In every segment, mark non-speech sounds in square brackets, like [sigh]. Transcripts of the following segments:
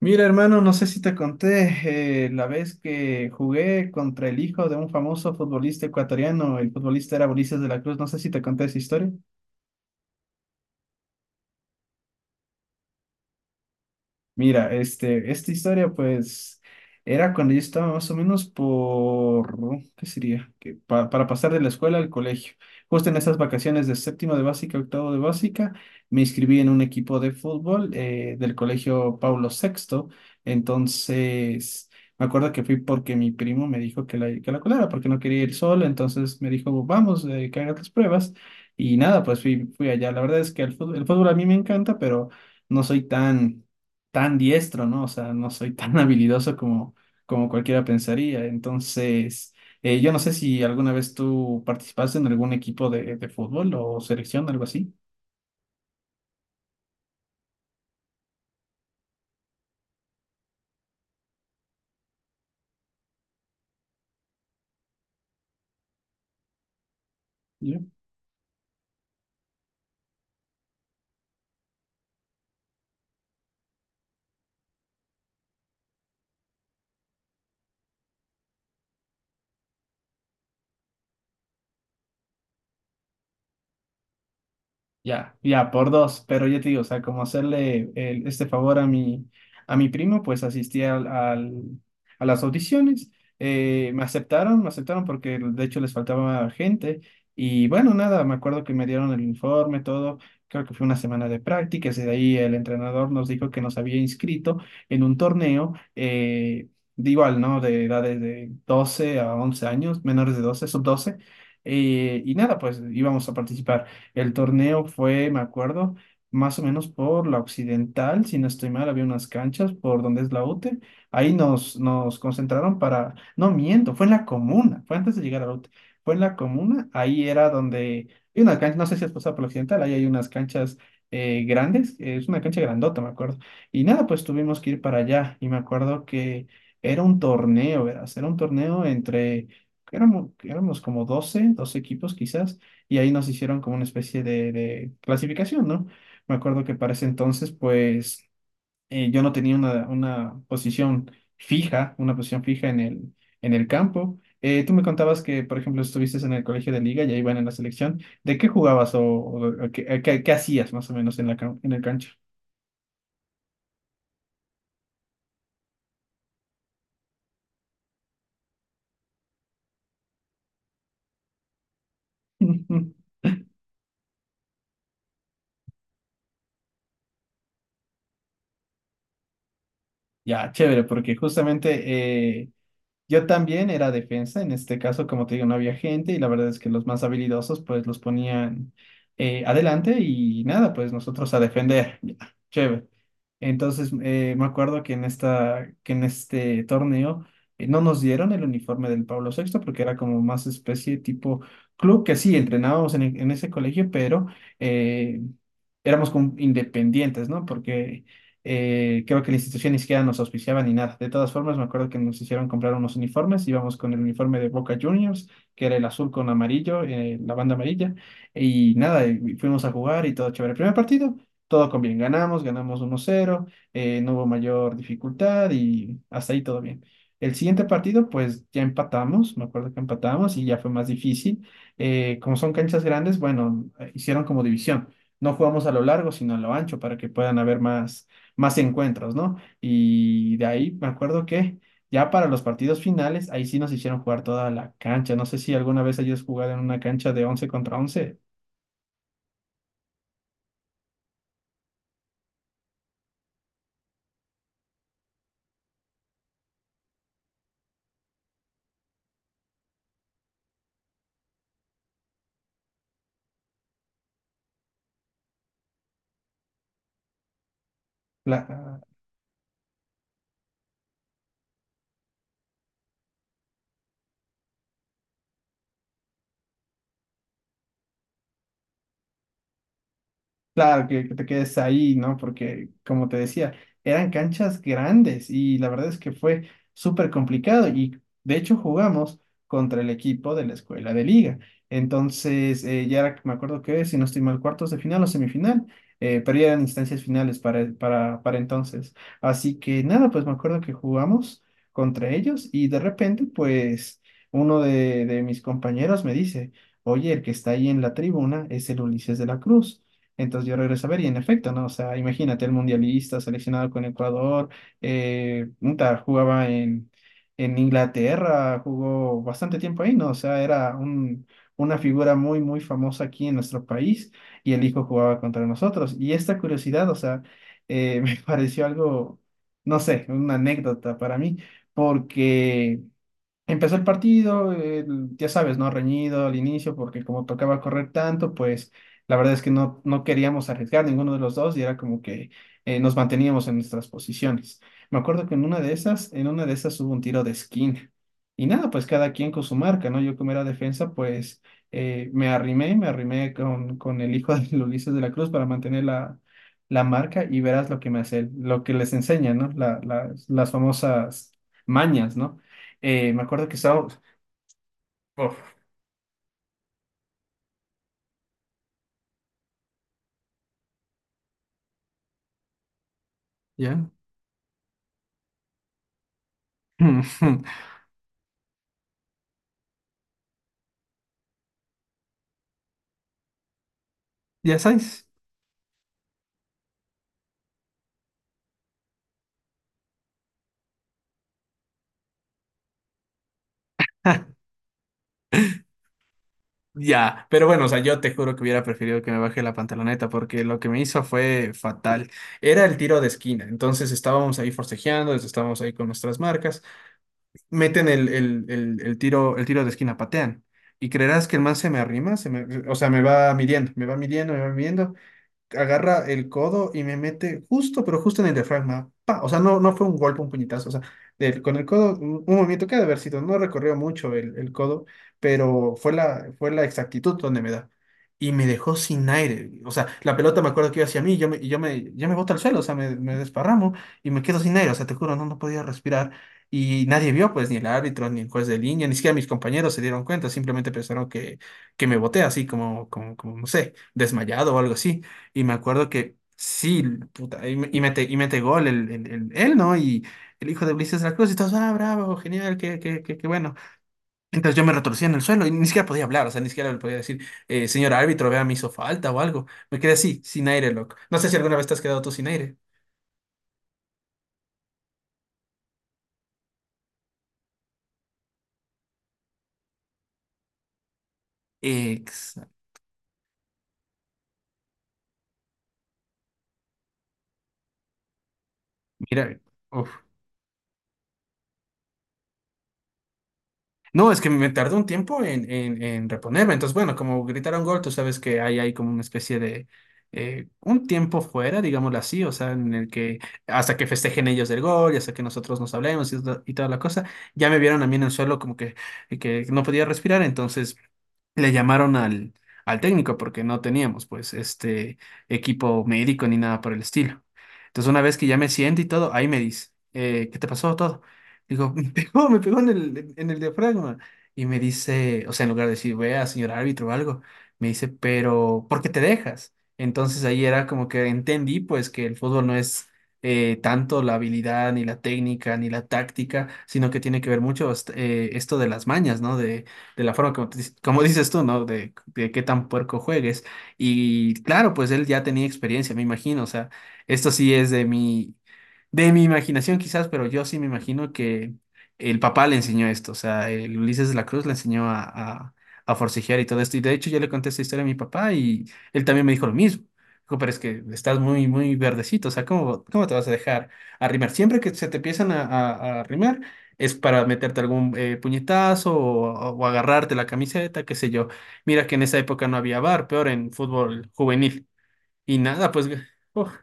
Mira, hermano, no sé si te conté la vez que jugué contra el hijo de un famoso futbolista ecuatoriano. El futbolista era Ulises de la Cruz, no sé si te conté esa historia. Mira, esta historia pues era cuando yo estaba más o menos por, ¿qué sería? Para pasar de la escuela al colegio. Justo en esas vacaciones de séptimo de básica, octavo de básica, me inscribí en un equipo de fútbol del colegio Paulo Sexto. Entonces, me acuerdo que fui porque mi primo me dijo que la colara, porque no quería ir solo. Entonces me dijo, vamos, que hagas las pruebas. Y nada, pues fui allá. La verdad es que el fútbol a mí me encanta, pero no soy tan diestro, ¿no? O sea, no soy tan [laughs] habilidoso como, como cualquiera pensaría. Entonces, yo no sé si alguna vez tú participaste en algún equipo de fútbol o selección, algo así. Ya, ya, por dos, pero yo te digo, o sea, como hacerle este favor a a mi primo, pues asistí a las audiciones. Me aceptaron, me aceptaron porque de hecho les faltaba gente y bueno, nada, me acuerdo que me dieron el informe, todo, creo que fue una semana de prácticas y de ahí el entrenador nos dijo que nos había inscrito en un torneo, de igual, ¿no? De edades de 12 a 11 años, menores de 12 sub 12. Y nada, pues íbamos a participar. El torneo fue, me acuerdo, más o menos por la Occidental, si no estoy mal, había unas canchas por donde es la UTE. Nos concentraron para, no miento, fue en la comuna, fue antes de llegar a la UTE, fue en la comuna. Ahí era donde hay unas canchas, no sé si has pasado por la Occidental, ahí hay unas canchas grandes. Es una cancha grandota, me acuerdo. Y nada, pues tuvimos que ir para allá y me acuerdo que era un torneo, verás, era un torneo entre, éramos como 12 12 equipos quizás y ahí nos hicieron como una especie de clasificación, ¿no? Me acuerdo que para ese entonces, pues yo no tenía una posición fija en el campo. Tú me contabas que, por ejemplo, estuviste en el colegio de liga y ahí van en la selección. ¿De qué jugabas o qué, qué hacías más o menos en en el cancha? [laughs] Ya, chévere, porque justamente eh, yo también era defensa. En este caso, como te digo, no había gente y la verdad es que los más habilidosos pues los ponían adelante y nada, pues nosotros a defender, ya, chévere. Entonces me acuerdo que en que en este torneo no nos dieron el uniforme del Pablo sexto porque era como más especie tipo club, que sí, entrenábamos en ese colegio, pero eh, éramos como independientes, ¿no? Porque creo que la institución ni siquiera nos auspiciaba ni nada. De todas formas, me acuerdo que nos hicieron comprar unos uniformes. Íbamos con el uniforme de Boca Juniors, que era el azul con amarillo, la banda amarilla. Y nada, y fuimos a jugar y todo chévere. El primer partido, todo con bien. Ganamos, ganamos 1-0. No hubo mayor dificultad y hasta ahí todo bien. El siguiente partido, pues ya empatamos, me acuerdo que empatamos y ya fue más difícil. Como son canchas grandes, bueno, hicieron como división. No jugamos a lo largo, sino a lo ancho para que puedan haber más encuentros, ¿no? Y de ahí me acuerdo que ya para los partidos finales, ahí sí nos hicieron jugar toda la cancha. No sé si alguna vez hayas jugado en una cancha de 11 contra 11. Claro, que te quedes ahí, ¿no? Porque, como te decía, eran canchas grandes y la verdad es que fue súper complicado y de hecho jugamos contra el equipo de la escuela de liga. Entonces, me acuerdo que, si no estoy mal, cuartos de final o semifinal, pero ya eran instancias finales para entonces. Así que nada, pues me acuerdo que jugamos contra ellos y de repente, pues, uno de mis compañeros me dice, oye, el que está ahí en la tribuna es el Ulises de la Cruz. Entonces yo regreso a ver y en efecto, ¿no? O sea, imagínate el mundialista seleccionado con Ecuador, puta, jugaba en Inglaterra, jugó bastante tiempo ahí, ¿no? O sea, era un, una figura muy famosa aquí en nuestro país y el hijo jugaba contra nosotros. Y esta curiosidad, o sea, [laughs] me pareció algo, no sé, una anécdota para mí, porque... Empezó el partido, ya sabes, ¿no? Reñido al inicio, porque como tocaba correr tanto, pues la verdad es que no queríamos arriesgar ninguno de los dos y era como que nos manteníamos en nuestras posiciones. Me acuerdo que en una de esas, en una de esas hubo un tiro de esquina. Y nada, pues cada quien con su marca, ¿no? Yo como era defensa, pues me arrimé con el hijo [laughs] de Ulises de la Cruz para mantener la marca y verás lo que me hace él, lo que les enseña, ¿no? Las famosas mañas, ¿no? Me acuerdo que estaba... Uf, ¿ya? [laughs] ¿Ya sabes? [laughs] Ya, pero bueno, o sea, yo te juro que hubiera preferido que me baje la pantaloneta porque lo que me hizo fue fatal. Era el tiro de esquina, entonces estábamos ahí forcejeando, estábamos ahí con nuestras marcas, meten el tiro de esquina, patean. Y creerás que el man se me arrima, o sea, me va midiendo. Agarra el codo y me mete justo, pero justo en el diafragma. ¡Pa! O sea, no fue un golpe, un puñetazo. O sea, con el codo, un movimiento que ha de haber sido, no recorrió mucho el codo, pero fue fue la exactitud donde me da. Y me dejó sin aire. O sea, la pelota me acuerdo que iba hacia mí y yo me boto al suelo, o sea, me desparramo y me quedo sin aire. O sea, te juro, no podía respirar. Y nadie vio, pues, ni el árbitro, ni el juez de línea, ni siquiera mis compañeros se dieron cuenta, simplemente pensaron que me boté así como, no sé, desmayado o algo así. Y me acuerdo que sí, puta, y mete gol el- él, ¿no? Y el hijo de Ulises de la Cruz, y todos, ah, bravo, genial, qué bueno. Entonces yo me retorcía en el suelo y ni siquiera podía hablar, o sea, ni siquiera le podía decir, señor árbitro, vea, me hizo falta o algo. Me quedé así, sin aire, loco. No sé si alguna vez te has quedado tú sin aire. Ex- Mira, uf. No, es que me tardó un tiempo en reponerme. Entonces, bueno, como gritaron gol, tú sabes que hay como una especie de un tiempo fuera, digámoslo así, o sea, en el que hasta que festejen ellos del gol, y hasta que nosotros nos hablemos y toda la cosa, ya me vieron a mí en el suelo como que no podía respirar, entonces le llamaron al técnico porque no teníamos pues este equipo médico ni nada por el estilo. Entonces una vez que ya me siento y todo, ahí me dice, ¿qué te pasó todo? Digo, me pegó en el diafragma. Y me dice, o sea, en lugar de decir, vea, señor árbitro o algo, me dice, pero, ¿por qué te dejas? Entonces ahí era como que entendí pues que el fútbol no es tanto la habilidad, ni la técnica, ni la táctica, sino que tiene que ver mucho este, esto de las mañas, ¿no? De la forma como, como dices tú, ¿no? De qué tan puerco juegues. Y claro, pues él ya tenía experiencia, me imagino. O sea, esto sí es de mi imaginación quizás, pero yo sí me imagino que el papá le enseñó esto, o sea, el Ulises de la Cruz le enseñó a forcejear y todo esto. Y de hecho yo le conté esta historia a mi papá y él también me dijo lo mismo. Dijo, pero es que estás muy, muy verdecito, o sea, ¿cómo, cómo te vas a dejar arrimar? Siempre que se te empiezan a arrimar es para meterte algún puñetazo o agarrarte la camiseta, qué sé yo. Mira que en esa época no había bar, peor en fútbol juvenil. Y nada, pues... uf.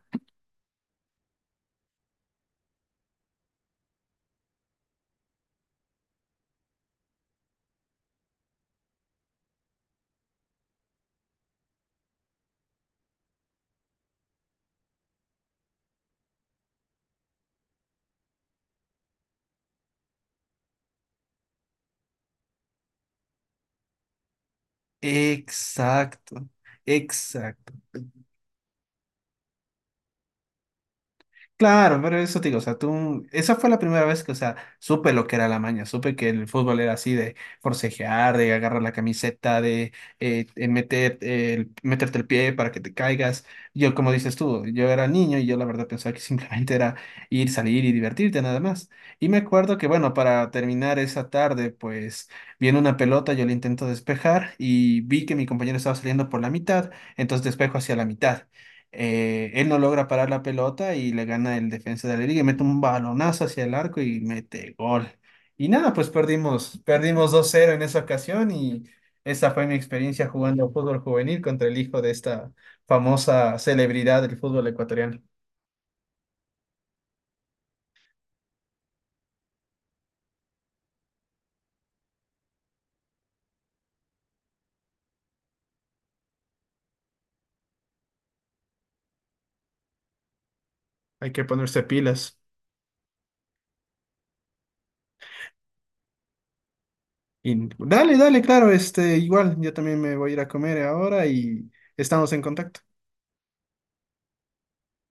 Exacto, exacto. Claro, pero eso te digo, o sea, tú, esa fue la primera vez que, o sea, supe lo que era la maña, supe que el fútbol era así de forcejear, de agarrar la camiseta, de meterte el pie para que te caigas. Yo, como dices tú, yo era niño y yo la verdad pensaba que [laughs] simplemente era ir, salir y divertirte nada más. Y me acuerdo que, bueno, para terminar esa tarde, pues viene una pelota, yo la intento despejar y vi que mi compañero estaba saliendo por la mitad, entonces despejo hacia la mitad. Él no logra parar la pelota y le gana el defensa de la liga y mete un balonazo hacia el arco y mete gol. Y nada, pues perdimos, perdimos 2-0 en esa ocasión y esa fue mi experiencia jugando fútbol juvenil contra el hijo de esta famosa celebridad del fútbol ecuatoriano. Hay que ponerse pilas. Y dale, dale, claro, este, igual, yo también me voy a ir a comer ahora y estamos en contacto.